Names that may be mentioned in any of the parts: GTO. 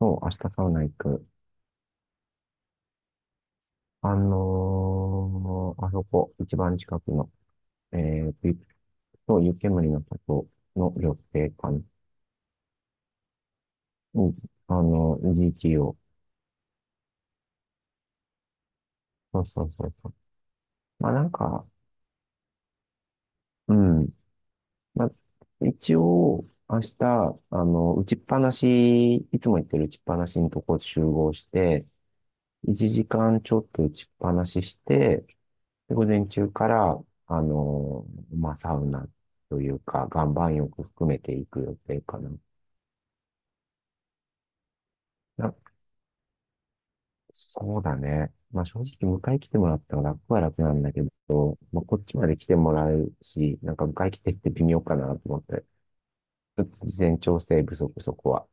そう、明日サウナ行く。あそこ、一番近くの、ビップと湯煙の里の緑景館に、あの、GTO。そうそうそうそう。まあなんか、うん。まあ、一応、明日、あの、打ちっぱなし、いつも行ってる打ちっぱなしのとこ集合して、1時間ちょっと打ちっぱなしして、で午前中から、あのマまあ、サウナというか、岩盤浴含めていく予定かな。な、そうだね。まあ、正直、迎え来てもらったら楽は楽なんだけど、まあ、こっちまで来てもらうし、なんか迎え来てって微妙かなと思って。ちょっと事前調整不足、そこは。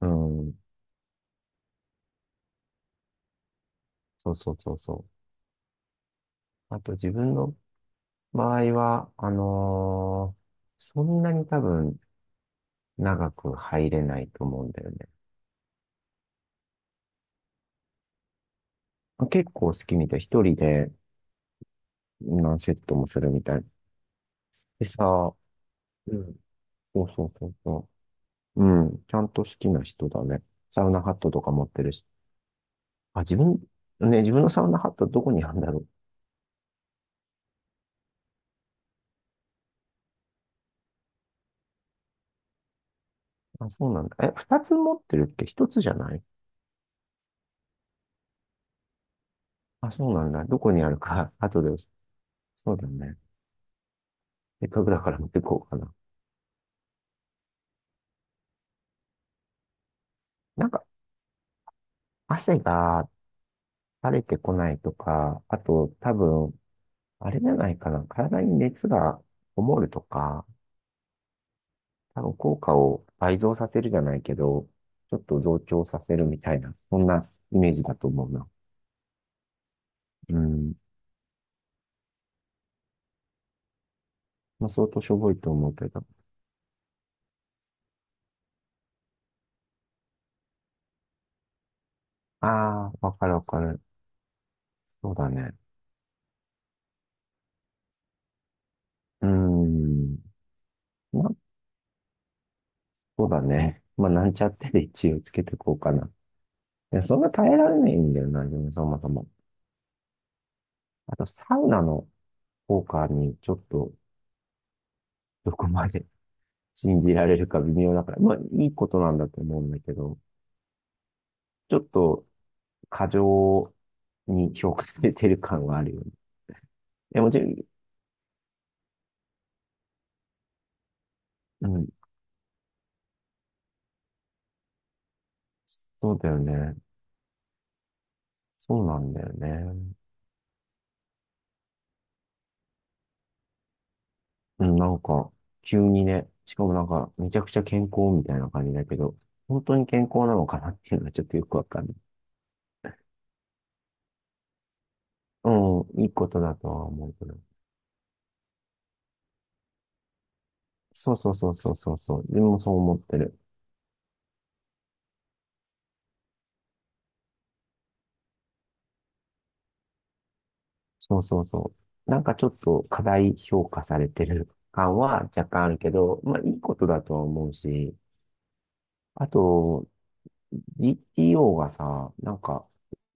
うん。そうそうそうそう。あと自分の場合は、そんなに多分長く入れないと思うんだよね。結構好きみたい。一人で、何セットもするみたい。でさ、うん。そうそうそうそう。うん。ちゃんと好きな人だね。サウナハットとか持ってるし。あ、自分、ね、自分のサウナハットどこにあるんだろう。あ、そうなんだ。え、二つ持ってるっけ一つじゃない？あ、そうなんだ。どこにあるか 後で教え。そうだね。せっかくだから持ってこうかな。なんか、汗が垂れてこないとか、あと、多分、あれじゃないかな。体に熱がこもるとか、多分効果を倍増させるじゃないけど、ちょっと増長させるみたいな、そんなイメージだと思うな。うん。まあ、相当しょぼいと思うけど。ああ、わかるわかる。そうだね。うーん。まあ、そうだね。まあ、なんちゃってで一応つけてこうかな。いや、そんな耐えられないんだよな、自分そもそも。あと、サウナの効果にちょっと、どこまで信じられるか微妙だから。まあ、いいことなんだと思うんだけど、ちょっと、過剰に評価されてる感があるよね。いや、もちろん、うん、そうだよね。そうなんだよね。うん、なんか、急にね、しかもなんか、めちゃくちゃ健康みたいな感じだけど、本当に健康なのかなっていうのはちょっとよくわかんない。うん、いいことだとは思うけど。そうそうそうそうそうそう。自分もそう思ってる。そうそうそう。なんかちょっと過大評価されてる感は若干あるけど、まあいいことだとは思うし、あと、GTO がさ、なんか、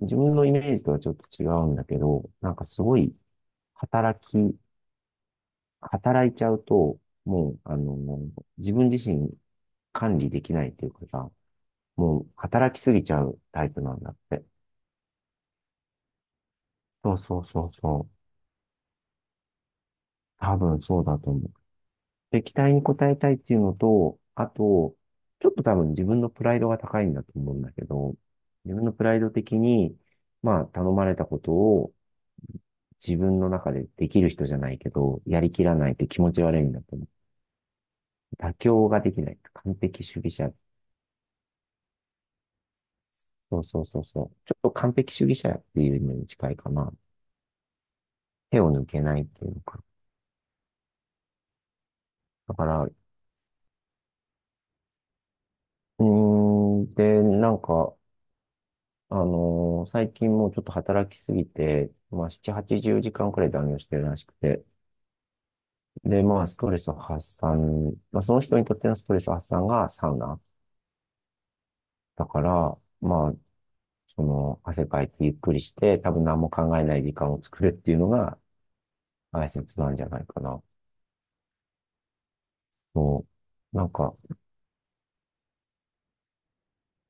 自分のイメージとはちょっと違うんだけど、なんかすごい働き、働いちゃうと、もう、あの、自分自身管理できないっていうかさ、もう働きすぎちゃうタイプなんだって。そうそうそうそう。多分そうだと思う。で、期待に応えたいっていうのと、あと、ちょっと多分自分のプライドが高いんだと思うんだけど、自分のプライド的に、まあ、頼まれたことを自分の中でできる人じゃないけど、やりきらないって気持ち悪いんだと思う。妥協ができない。完璧主義者。そうそうそうそう。ちょっと完璧主義者っていうのに近いかな。手を抜けないっていうのか。だから、うーん、で、なんか、最近もうちょっと働きすぎて、まあ、7、80時間くらい残業してるらしくて。で、まあ、ストレス発散、まあ、その人にとってのストレス発散がサウナ。だから、まあ、その、汗かいてゆっくりして、多分何も考えない時間を作るっていうのが大切なんじゃないかな。もう、なんか、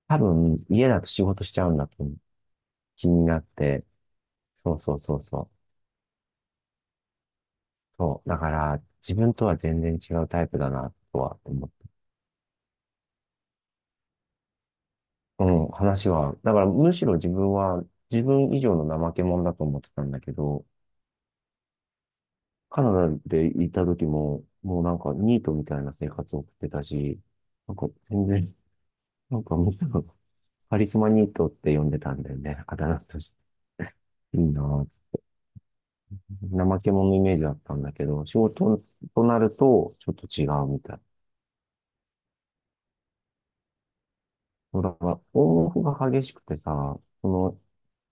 多分家だと仕事しちゃうんだと気になって、そうそうそうそう。そう、だから自分とは全然違うタイプだなとは思って。うん、話は。だからむしろ自分は自分以上の怠け者だと思ってたんだけど、カナダでいた時も、もうなんかニートみたいな生活を送ってたし、なんか全然、なんかみんカリスマニートって呼んでたんだよね。あだ名として。いいなぁ。怠け者のイメージだったんだけど、仕事となると、ちょっと違うみたい。そうだから、オンオフが激しくてさ、その、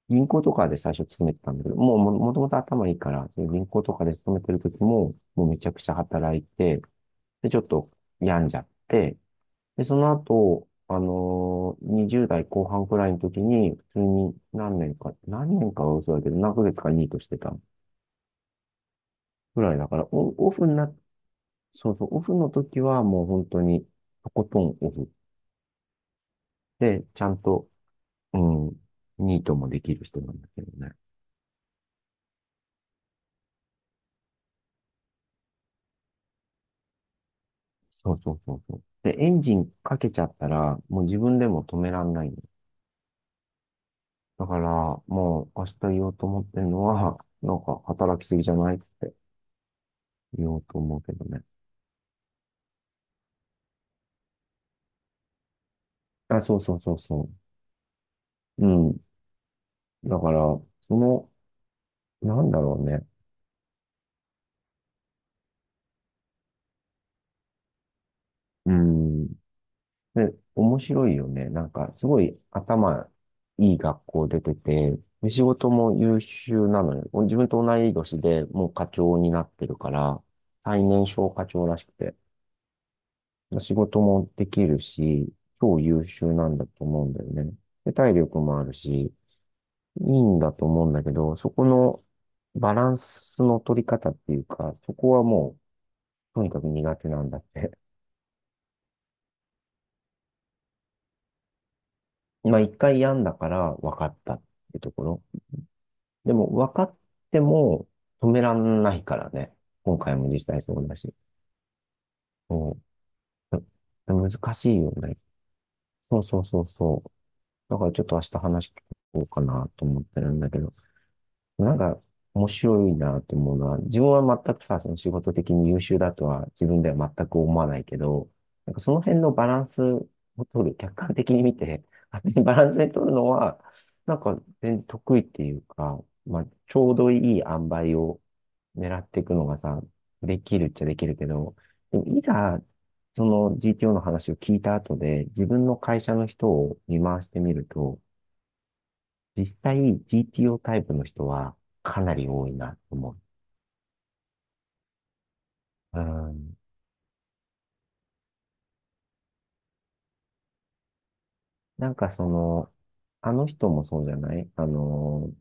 銀行とかで最初勤めてたんだけど、もともと頭いいから、その銀行とかで勤めてる時も、もうめちゃくちゃ働いて、で、ちょっと病んじゃって、で、その後、20代後半くらいの時に、普通に何年かは嘘だけど、何ヶ月かニートしてた。ぐらいだから、オフにな、そうそう、オフの時はもう本当に、とことんオフで、ちゃんと、うん、ニートもできる人なんだけどね。そうそうそうそう。で、エンジンかけちゃったら、もう自分でも止めらんないの。だから、もう明日言おうと思ってるのは、なんか働きすぎじゃないって言おうと思うけどね。あ、そうそうそうそう。うん。だから、その、なんだろうね。うん。で、面白いよね。なんか、すごい頭いい学校出てて、で、仕事も優秀なのよ。自分と同い年でもう課長になってるから、最年少課長らしくて、仕事もできるし、超優秀なんだと思うんだよね。で、体力もあるし、いいんだと思うんだけど、そこのバランスの取り方っていうか、そこはもう、とにかく苦手なんだって。まあ一回病んだから分かったってところ。でも分かっても止めらんないからね。今回も実際そうだし。うん難しいよね。そうそうそうそう。だからちょっと明日話聞こうかなと思ってるんだけど。なんか面白いなって思うのは、自分は全くさ、その仕事的に優秀だとは自分では全く思わないけど、なんかその辺のバランスを取る、客観的に見て、勝手にバランスで取るのは、なんか全然得意っていうか、まあ、ちょうどいい塩梅を狙っていくのがさ、できるっちゃできるけど、でもいざ、その GTO の話を聞いた後で、自分の会社の人を見回してみると、実際 GTO タイプの人はかなり多いなと思う。うん。なんかその、あの人もそうじゃないあの、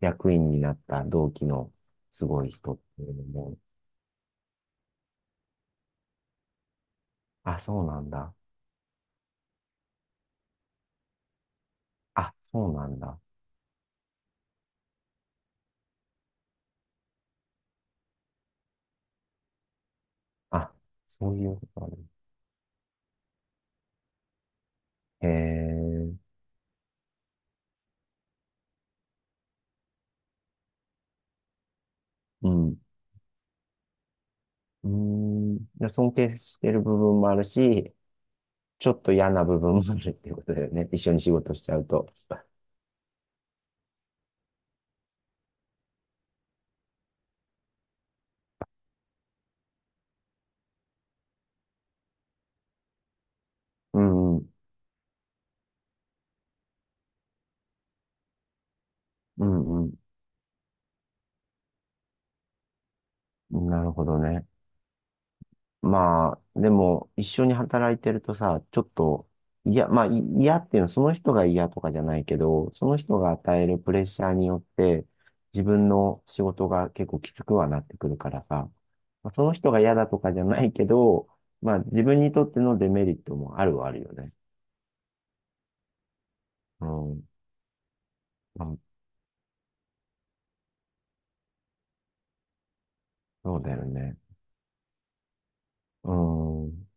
役員になった同期のすごい人っていうのも、あ、そうなんだ。あ、そうなんだ。あ、そういうことある。へえ、うん。うーん。で尊敬してる部分もあるし、ちょっと嫌な部分もあるっていうことだよね。一緒に仕事しちゃうと。うん、うん、うん、うん。なるほどね。まあ、でも、一緒に働いてるとさ、ちょっと、いや、まあ、嫌っていうのは、その人が嫌とかじゃないけど、その人が与えるプレッシャーによって、自分の仕事が結構きつくはなってくるからさ、まあ、その人が嫌だとかじゃないけど、まあ、自分にとってのデメリットもあるはあるよね。うん。まあ、そうだよね。うん。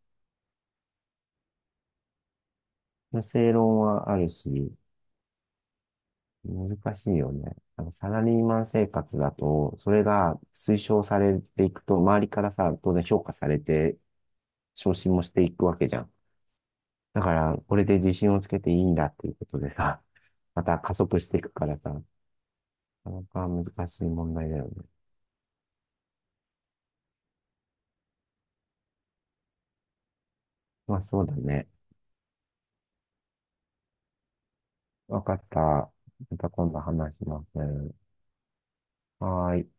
まあ正論はあるし、難しいよね。あのサラリーマン生活だと、それが推奨されていくと、周りからさ、当然評価されて、昇進もしていくわけじゃん。だから、これで自信をつけていいんだっていうことでさ、また加速していくからさ、なかなか難しい問題だよね。まあそうだね。わかった。また今度話します。はーい。